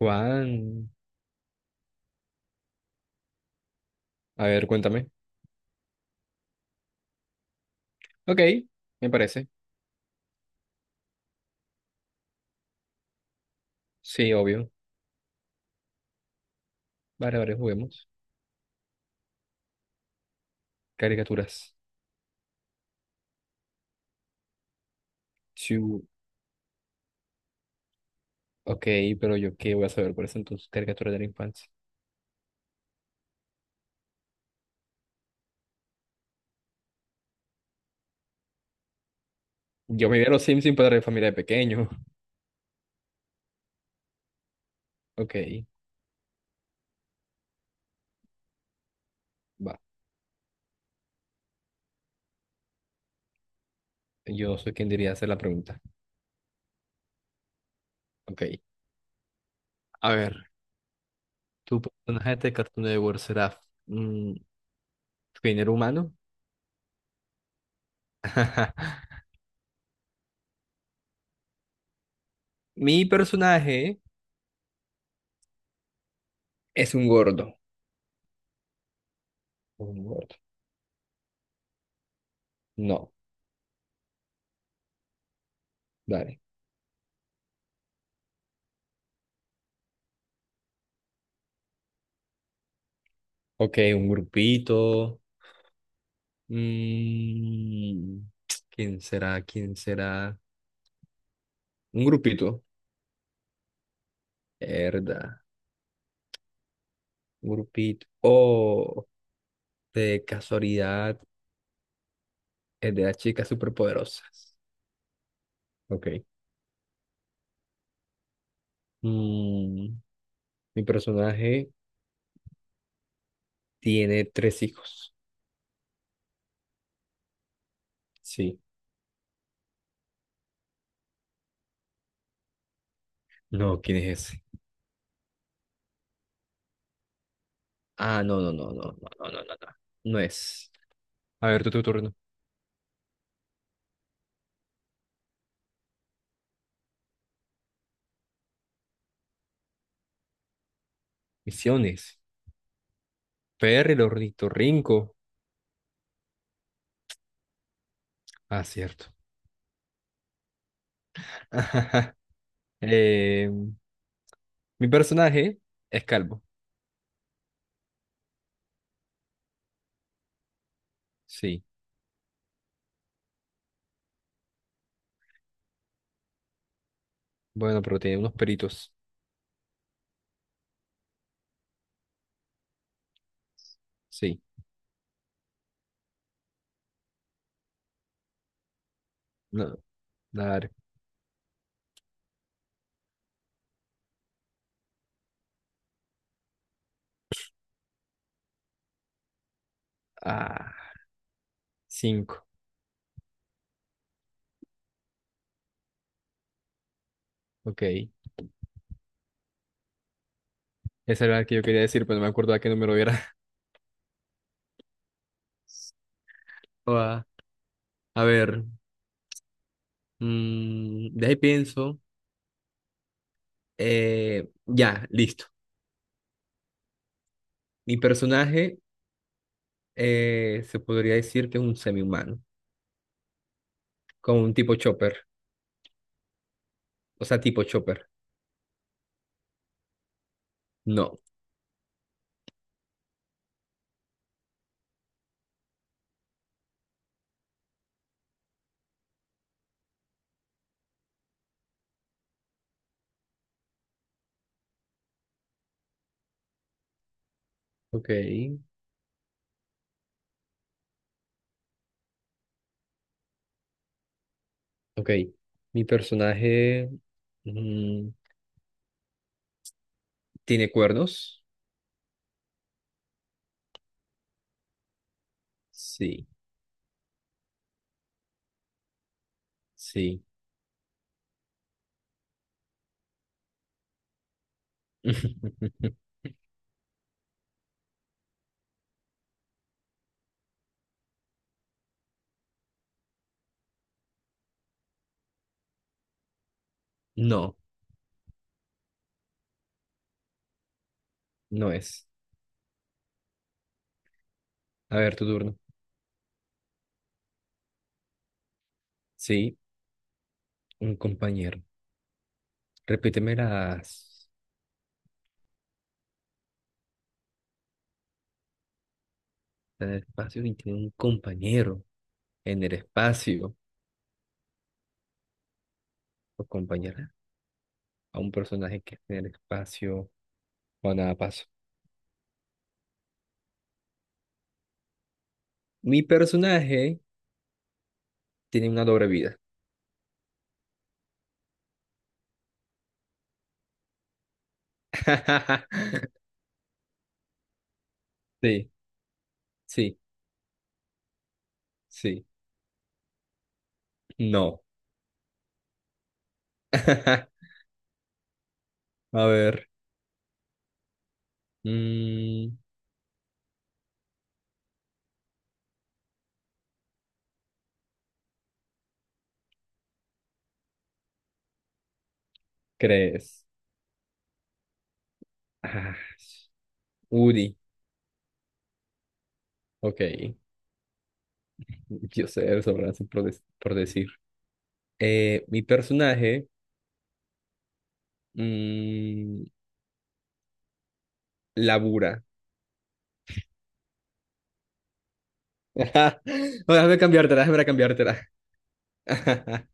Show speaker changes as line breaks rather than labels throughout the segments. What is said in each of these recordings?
Juan, a ver, cuéntame. Ok, me parece. Sí, obvio. Vale, vale, juguemos. Caricaturas. Chu. Ok, pero yo qué voy a saber por eso entonces, caricaturas de la infancia. Yo me vi a los Simpsons para mi familia de pequeño. Ok, va. Yo soy quien diría hacer la pregunta. Ok, a ver. ¿Tu personaje de Cartoon Network será mm, género humano? Mi personaje es un gordo. Un gordo. No, dale. Ok, un grupito. Mm, ¿Quién será? ¿Quién será? Un grupito. Verdad. Un grupito. Oh, de casualidad, es de las chicas superpoderosas. Ok. Mm, Mi personaje tiene 3 hijos. Sí. No, ¿quién es ese? Ah, no, no, no, no, no, no, no, no. No, no es. A ver, tu turno. Misiones. Perry, el ornitorrinco. Ah, cierto. Eh, Mi personaje es calvo. Sí. Bueno, pero tiene unos peritos. Sí. No. A ver. Ah, 5. Ok. Esa era la que yo quería decir, pero no me acuerdo a qué número era. Joda. A ver, de ahí pienso. Ya, listo. Mi personaje se podría decir que es un semi-humano, como un tipo chopper. O sea, tipo chopper. No. Ok, ok. Mi personaje mm, tiene cuernos. Sí, sí. No, no es. A ver, tu turno. Sí, un compañero. Repíteme las en el espacio y tiene un compañero en el espacio o compañera a un personaje que esté en el espacio o nada paso. Mi personaje tiene una doble vida. Sí, sí, sí. No. A ver. mm, ¿Crees? Ah, Uri. Ok. Yo sé sobre por decir. Mi personaje mm, labura. No, déjame cambiártela, déjame cambiártela.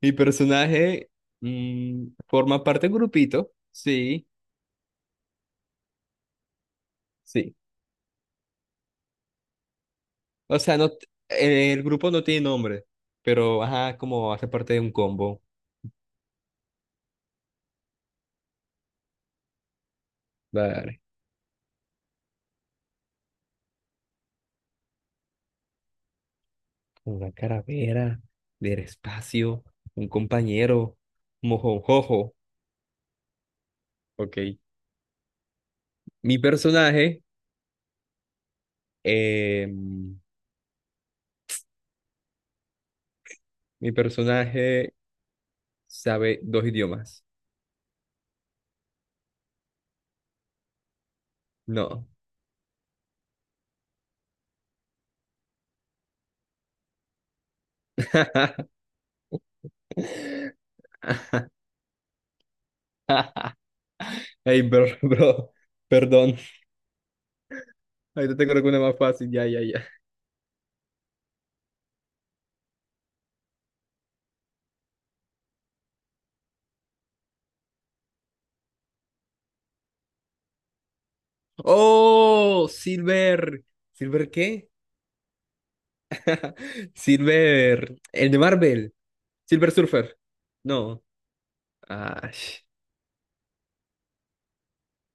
Mi personaje forma parte de un grupito. Sí, sí. O sea, no, el grupo no tiene nombre, pero ajá, como hace parte de un combo. Vale. Una caravera del espacio, un compañero, mojojojo. Ok. Mi personaje, eh, Mi personaje sabe 2 idiomas. No. Hey, bro, bro, perdón. Ahorita te creo una más fácil. Ya, ya, ya. ¡Oh! Silver. ¿Silver qué? Silver. El de Marvel. Silver Surfer. No. Ah,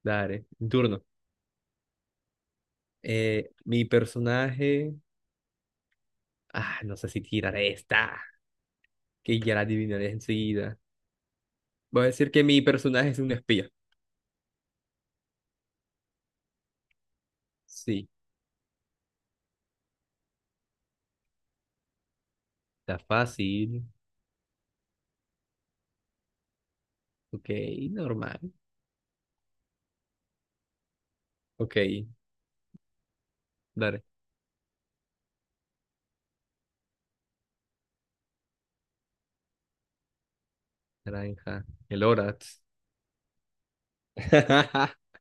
dale. Mi turno. Mi personaje. Ah, no sé si tiraré esta. Que ya la adivinaré enseguida. Voy a decir que mi personaje es un espía. Sí. Está fácil. Ok, normal. Ok, dale. Naranja. El Horatz.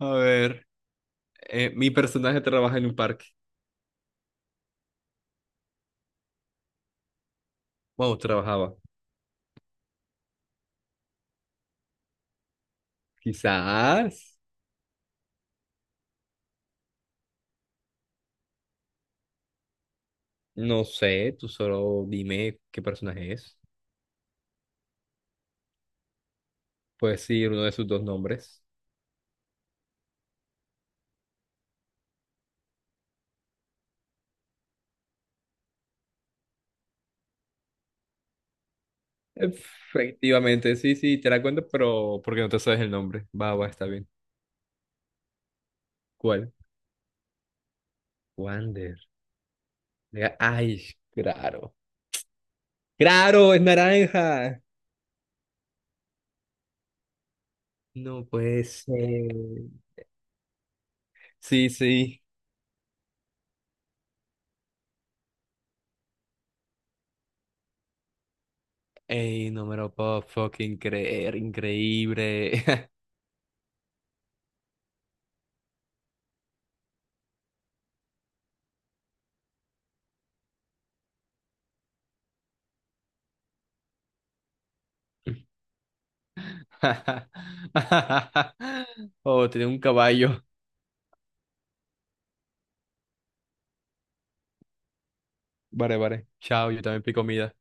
A ver, mi personaje trabaja en un parque. Bueno, trabajaba. Quizás, no sé, tú solo dime qué personaje es. Puedes decir uno de sus 2 nombres. Efectivamente, sí, sí, te la cuento, pero porque no te sabes el nombre. Va, va, está bien. ¿Cuál? Wander. Mira, ay, claro. Claro, es naranja. No puede ser. Sí, sí. Ey, no me lo puedo fucking creer, increíble. Oh, tenía un caballo. Vale, vale. Chao, yo también pico comida.